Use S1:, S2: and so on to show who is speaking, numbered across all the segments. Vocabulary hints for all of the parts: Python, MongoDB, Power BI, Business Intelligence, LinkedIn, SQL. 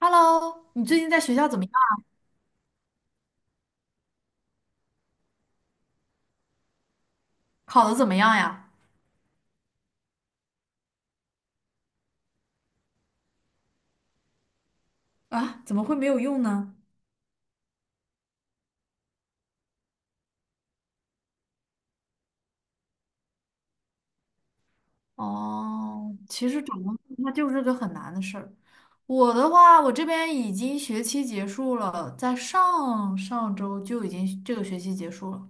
S1: Hello，你最近在学校怎么样？考得怎么样呀？啊，怎么会没有用呢？哦，其实找工作它就是个很难的事儿。我的话，我这边已经学期结束了，在上上周就已经这个学期结束了。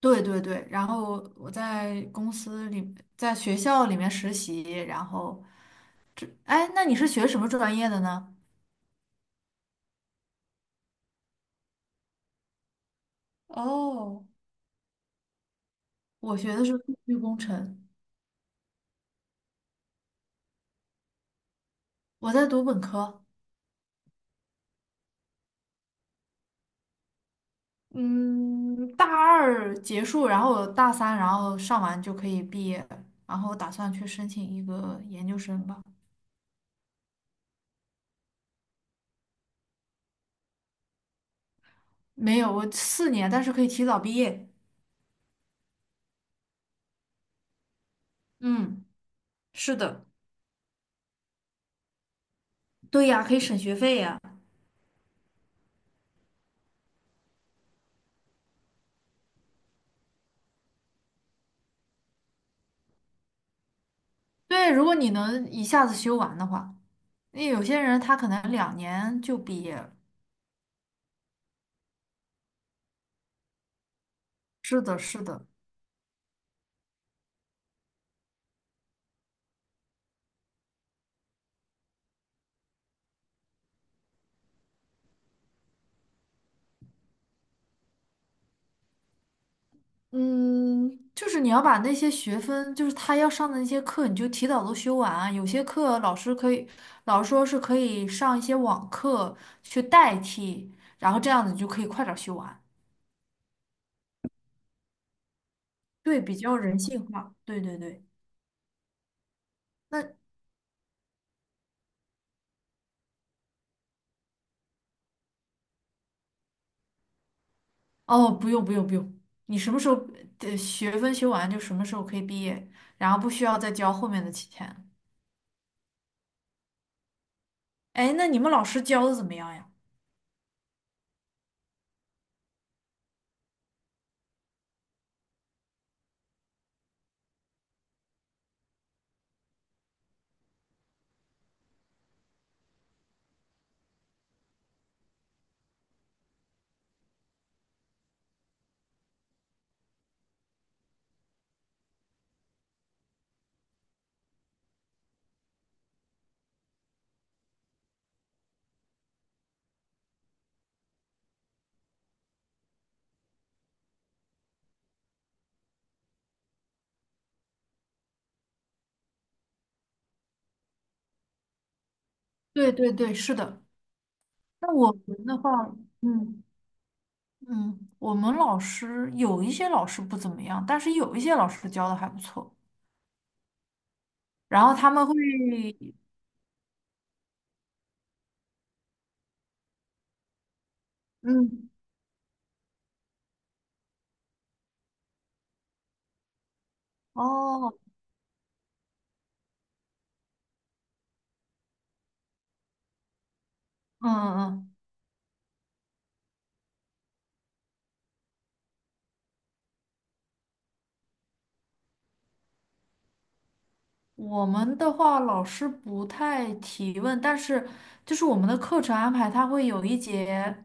S1: 对对对，然后我在公司里，在学校里面实习，然后，哎，那你是学什么专业的呢？哦，我学的是数据工程，我在读本科。嗯，大二结束，然后大三，然后上完就可以毕业，然后打算去申请一个研究生吧。没有，我4年，但是可以提早毕业。嗯，是的，对呀，可以省学费呀。对，如果你能一下子修完的话，因为有些人他可能2年就毕业了。是的，是的。嗯，就是你要把那些学分，就是他要上的那些课，你就提早都修完啊。有些课老师可以，老师说是可以上一些网课去代替，然后这样子就可以快点儿修完。对，比较人性化。对对对。那哦，不用不用不用，你什么时候的学分修完就什么时候可以毕业，然后不需要再交后面的期钱了。哎，那你们老师教的怎么样呀？对对对，是的。那我们的话，嗯。嗯，我们老师有一些老师不怎么样，但是有一些老师教的还不错。然后他们会，嗯，哦，嗯嗯，我们的话老师不太提问，但是就是我们的课程安排，他会有一节。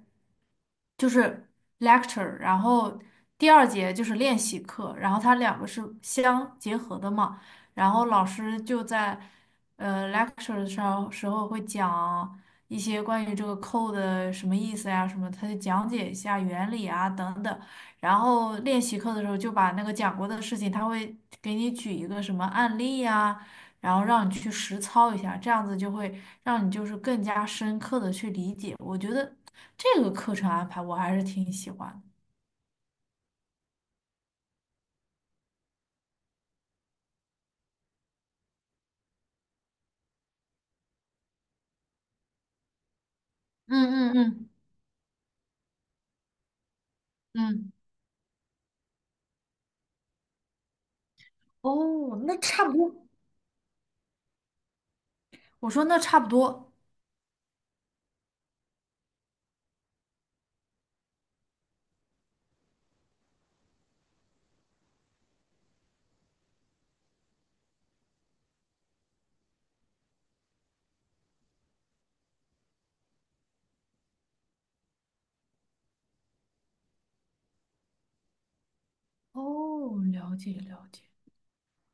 S1: 就是 lecture，然后第二节就是练习课，然后它两个是相结合的嘛。然后老师就在lecture 的时候会讲一些关于这个 code 的什么意思呀，什么，他就讲解一下原理啊等等。然后练习课的时候就把那个讲过的事情，他会给你举一个什么案例呀，然后让你去实操一下，这样子就会让你就是更加深刻的去理解。我觉得。这个课程安排我还是挺喜欢的。嗯嗯嗯嗯，哦，那差不多。我说那差不多，哦，了解了解。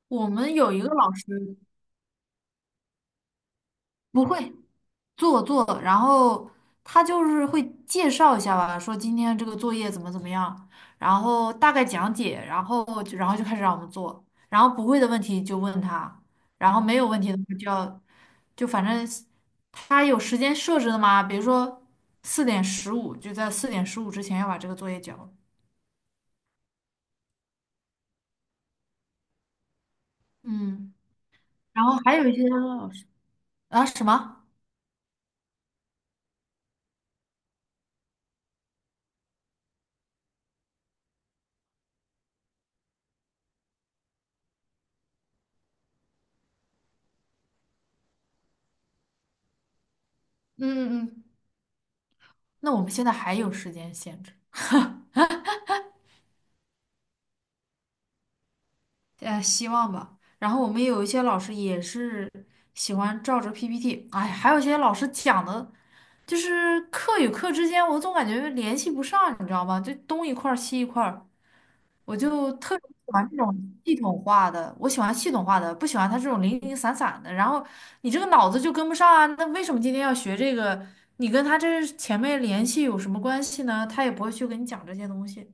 S1: 我们有一个老师不会，做做，然后他就是会介绍一下吧，说今天这个作业怎么怎么样，然后大概讲解，然后就开始让我们做，然后不会的问题就问他，然后没有问题的话就要就反正他有时间设置的嘛，比如说四点十五，就在四点十五之前要把这个作业交了。嗯，然后还有一些老师啊什么，嗯嗯嗯，那我们现在还有时间限制。希望吧。然后我们有一些老师也是喜欢照着 PPT，哎，还有一些老师讲的，就是课与课之间，我总感觉联系不上，你知道吗？就东一块儿西一块儿，我就特别喜欢这种系统化的，我喜欢系统化的，不喜欢他这种零零散散的。然后你这个脑子就跟不上啊，那为什么今天要学这个？你跟他这前面联系有什么关系呢？他也不会去跟你讲这些东西。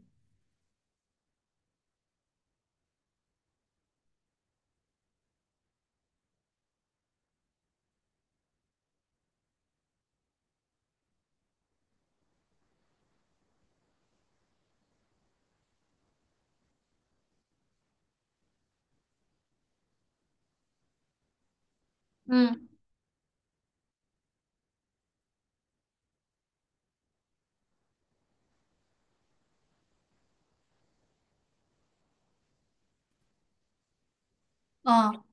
S1: 嗯，嗯，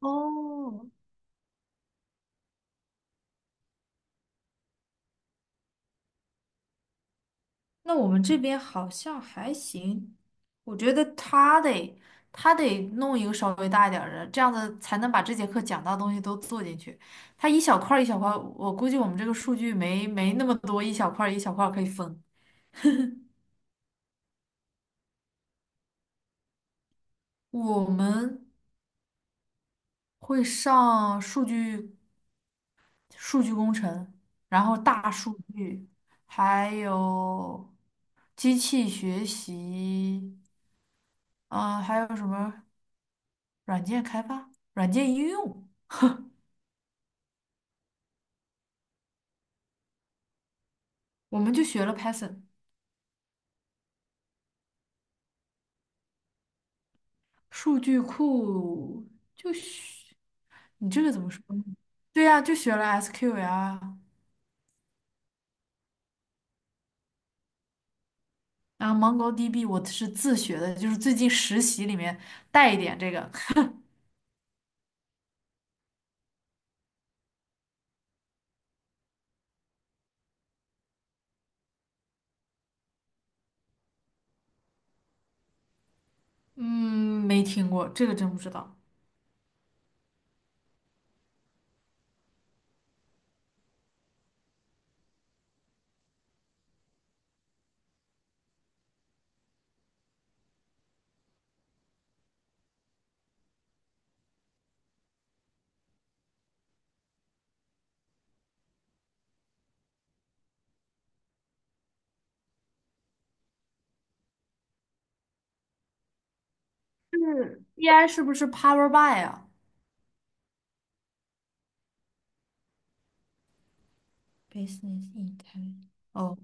S1: 哦，那我们这边好像还行，我觉得他得弄一个稍微大一点儿的，这样子才能把这节课讲到的东西都做进去。他一小块儿一小块儿，我估计我们这个数据没那么多，一小块儿一小块儿可以分。我们会上数据工程，然后大数据，还有机器学习，啊、还有什么软件开发、软件应用，我们就学了 Python。数据库就学，你这个怎么说呢？对呀、就学了 SQL 啊，然后 MongoDB 我是自学的，就是最近实习里面带一点这个。嗯，没听过，这个真不知道。就是 BI 是不是 Power BI 啊？Business Intelligence。哦，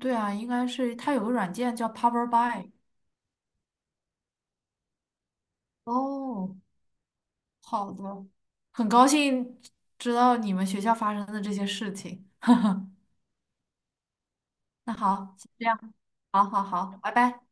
S1: 对啊，应该是它有个软件叫 Power BI。哦，好的，很高兴知道你们学校发生的这些事情。那好，先这样，好好好，拜拜。